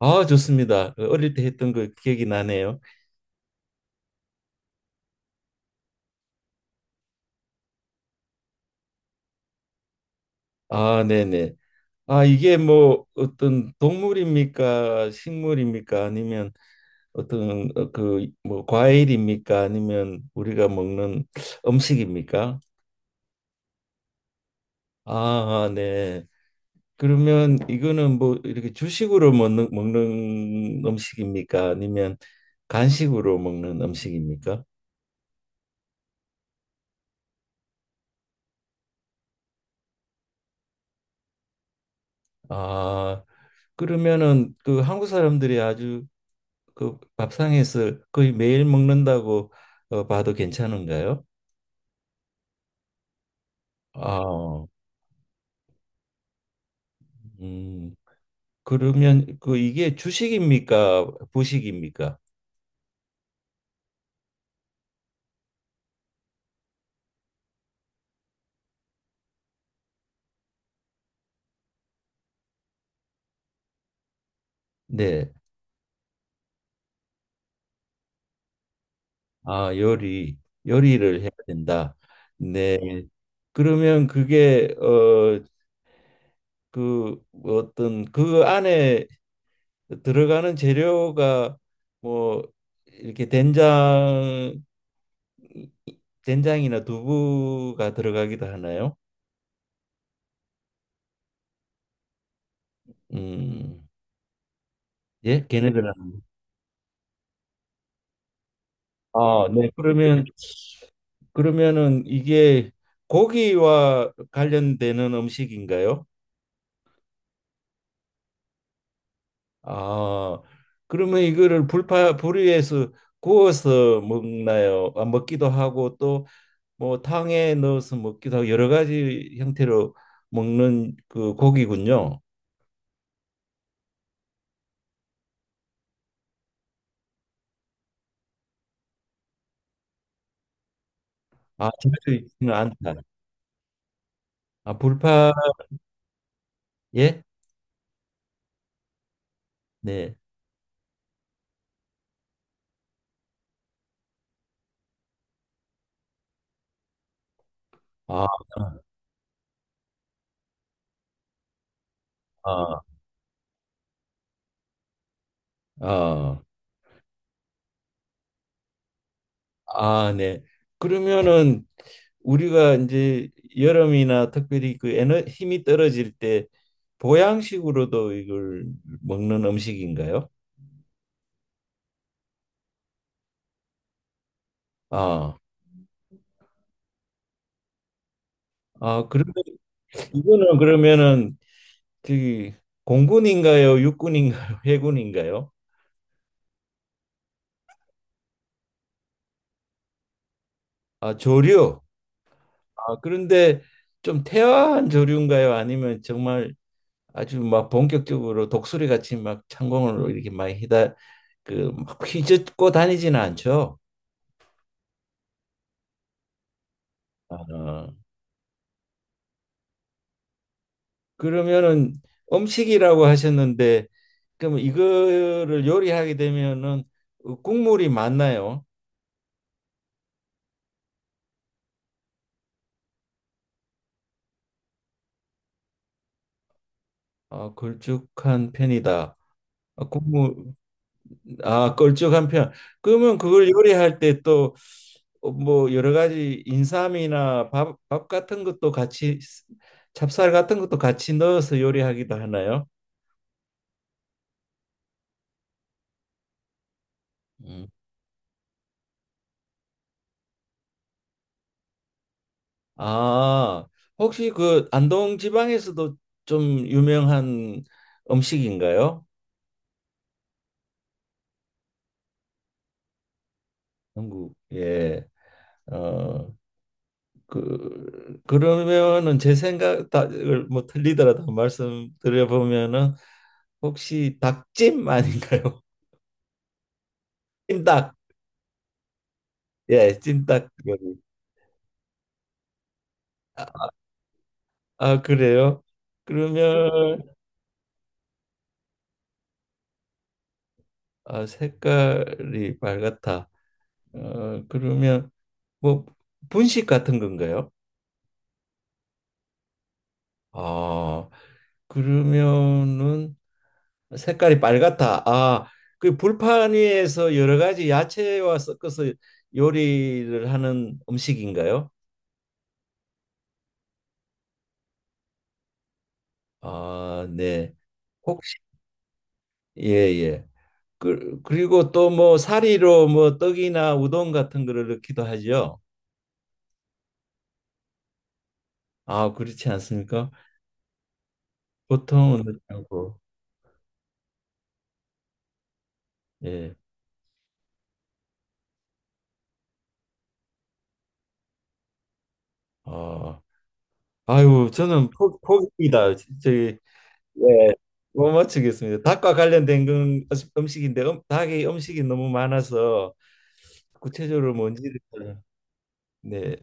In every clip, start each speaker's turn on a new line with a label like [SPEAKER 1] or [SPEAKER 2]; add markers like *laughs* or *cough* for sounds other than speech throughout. [SPEAKER 1] 아, 좋습니다. 어릴 때 했던 거 기억이 나네요. 아, 네네. 아, 이게 뭐 어떤 동물입니까? 식물입니까? 아니면 어떤 그뭐 과일입니까? 아니면 우리가 먹는 음식입니까? 아, 아, 네. 그러면 이거는 뭐 이렇게 주식으로 먹는 음식입니까? 아니면 간식으로 먹는 음식입니까? 아, 그러면은 그 한국 사람들이 아주 그 밥상에서 거의 매일 먹는다고 봐도 괜찮은가요? 아, 음, 그러면 그 이게 주식입니까? 부식입니까? 네. 아, 요리를 해야 된다. 네. 그러면 그게 어, 그 어떤 그 안에 들어가는 재료가 뭐 이렇게 된장이나 두부가 들어가기도 하나요? 음. 예, 걔네들하고. 아, 네. 그러면 네. 그러면은 이게 고기와 관련되는 음식인가요? 아, 그러면 이거를 불파 불 위에서 구워서 먹나요? 아, 먹기도 하고 또 뭐 탕에 넣어서 먹기도 하고 여러 가지 형태로 먹는 그 고기군요. 아, 자주 있지는 않다. 아, 불파 예? 네. 아, 아, 아. 아, 네. 그러면은 우리가 이제 여름이나 특별히 그 에너 힘이 떨어질 때 보양식으로도 이걸 먹는 음식인가요? 아, 아 그런데 이거는 그러면은 저기 공군인가요? 육군인가요? *laughs* 해군인가요? 아, 조류. 아, 그런데 좀 태화한 조류인가요? 아니면 정말 아주 막 본격적으로 독수리 같이 막 창공을 이렇게 많이 휘다 그막 휘젓고 다니지는 않죠? 아. 그러면은 음식이라고 하셨는데 그럼 이거를 요리하게 되면은 국물이 많나요? 아, 걸쭉한 편이다. 아, 국물 아, 걸쭉한 편. 그러면 그걸 요리할 때 또 뭐 여러 가지 인삼이나 밥 같은 것도 같이 찹쌀 같은 것도 같이 넣어서 요리하기도 하나요? 음. 아, 혹시 그 안동 지방에서도 좀 유명한 음식인가요? 영국 예. 어, 그러면은 제 생각을 뭐 틀리더라도 말씀드려 보면은 혹시 닭찜 아닌가요? *laughs* 찜닭. 예, 찜닭 요리. 아, 아, 그래요? 그러면 아, 색깔이 빨갛다. 어, 그러면 뭐 분식 같은 건가요? 아, 그러면은 색깔이 빨갛다. 아, 그 불판 위에서 여러 가지 야채와 섞어서 요리를 하는 음식인가요? 아, 네. 혹시 예, 예. 그리고 또 뭐 사리로 뭐 떡이나 우동 같은 거를 넣기도 하죠. 아, 그렇지 않습니까? 보통은 넣지 않고. 예. 아, 아유, 저는 포기입니다. 저기 예. 못 맞추겠습니다. 닭과 관련된 건 음식인데 닭이 음식이 너무 많아서 구체적으로 뭔지를 네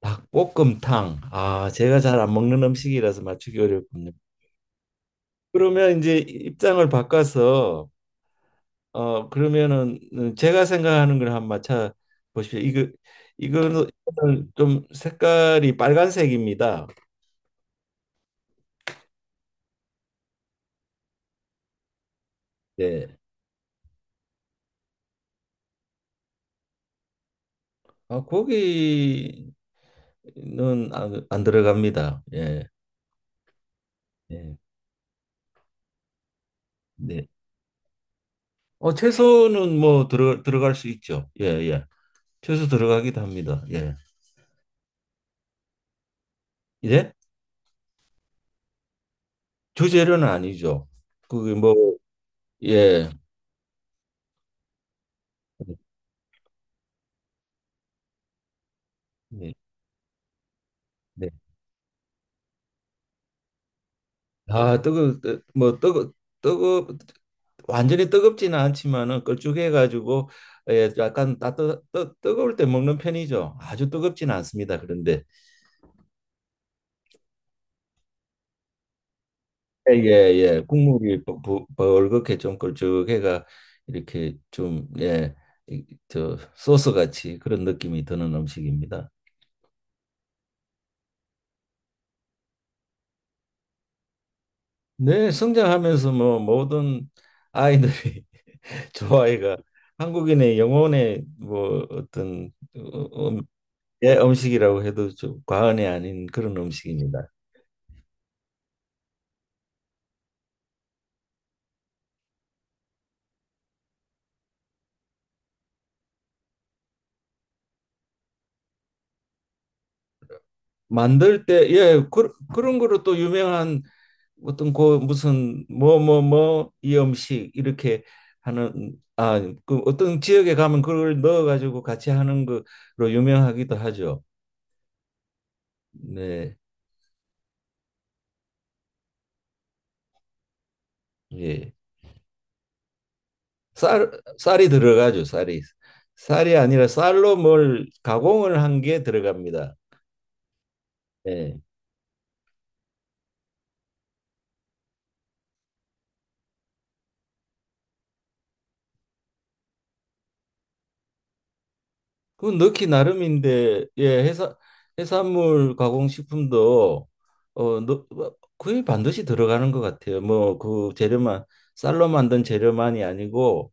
[SPEAKER 1] 닭볶음탕 아 제가 잘 안 먹는 음식이라서 맞추기 어렵군요. 그러면 이제 입장을 바꿔서 어 그러면은 제가 생각하는 걸 한번 맞춰 보십시오. 이거 이거는 좀 색깔이 빨간색입니다. 예. 아 고기는 안 들어갑니다. 예. 예. 네. 어 채소는 뭐 들어갈 수 있죠. 예, 예. 채소 들어가기도 합니다. 예. 예? 주재료는 아니죠. 그게 뭐 예. 네. 네. 아, 뜨거 뜨- 뭐 뜨거 뜨거 완전히 뜨겁지는 않지만은 걸쭉해 가지고 예, 약간 뜨거울 때 먹는 편이죠. 아주 뜨겁지는 않습니다. 그런데 예, 예. 예. 국물이 벌겋게 좀 걸쭉해가 이렇게 좀 예. 저 소스 같이 그런 느낌이 드는 음식입니다. 네, 성장하면서 뭐 모든 아이들이 *laughs* 좋 아이가 한국인의 영혼의 뭐 어떤 어, 예, 음식이라고 해도 좀 과언이 아닌 그런 음식입니다. 만들 때 예, 그런 거로 또 유명한 어떤 그 무슨 이 음식 이렇게 하는 아, 그 어떤 지역에 가면 그걸 넣어 가지고 같이 하는 거로 유명하기도 하죠. 네. 예. 쌀 쌀이 들어가죠. 쌀이 아니라 쌀로 뭘 가공을 한 게 들어갑니다. 예. 그건 넣기 나름인데 예 해산물 가공식품도 어 뭐, 거의 반드시 들어가는 것 같아요. 뭐 그 재료만 쌀로 만든 재료만이 아니고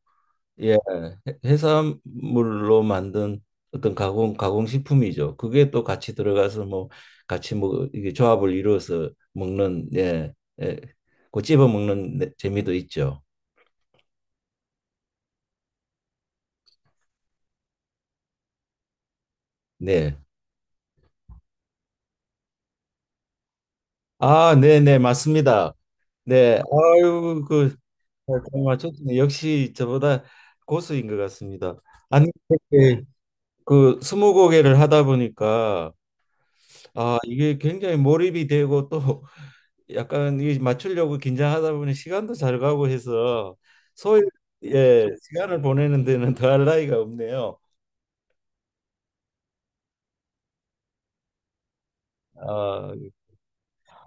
[SPEAKER 1] 예 해산물로 만든 어떤 가공식품이죠. 그게 또 같이 들어가서 뭐 같이 뭐 이게 조합을 이루어서 먹는 예, 예, 그 찝어 먹는 재미도 있죠. 네. 아, 네네, 맞습니다. 네, 아유, 그, 잘 맞췄네. 역시 저보다 고수인 것 같습니다. 아니, 이렇게 그 스무고개를 하다 보니까, 아, 이게 굉장히 몰입이 되고 또 *laughs* 약간 이 맞추려고 긴장하다 보니 시간도 잘 가고 해서 소위, 예, 시간을 보내는 데는 더할 나위가 없네요. 아,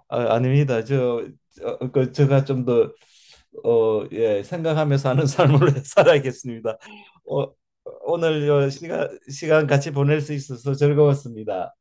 [SPEAKER 1] 아, 아닙니다. 저, 어, 그, 어, 예, 생각하며 사는 삶을 *laughs* 살아야겠습니다. 어, 오늘 요 시간 같이 보낼 수 있어서 즐거웠습니다.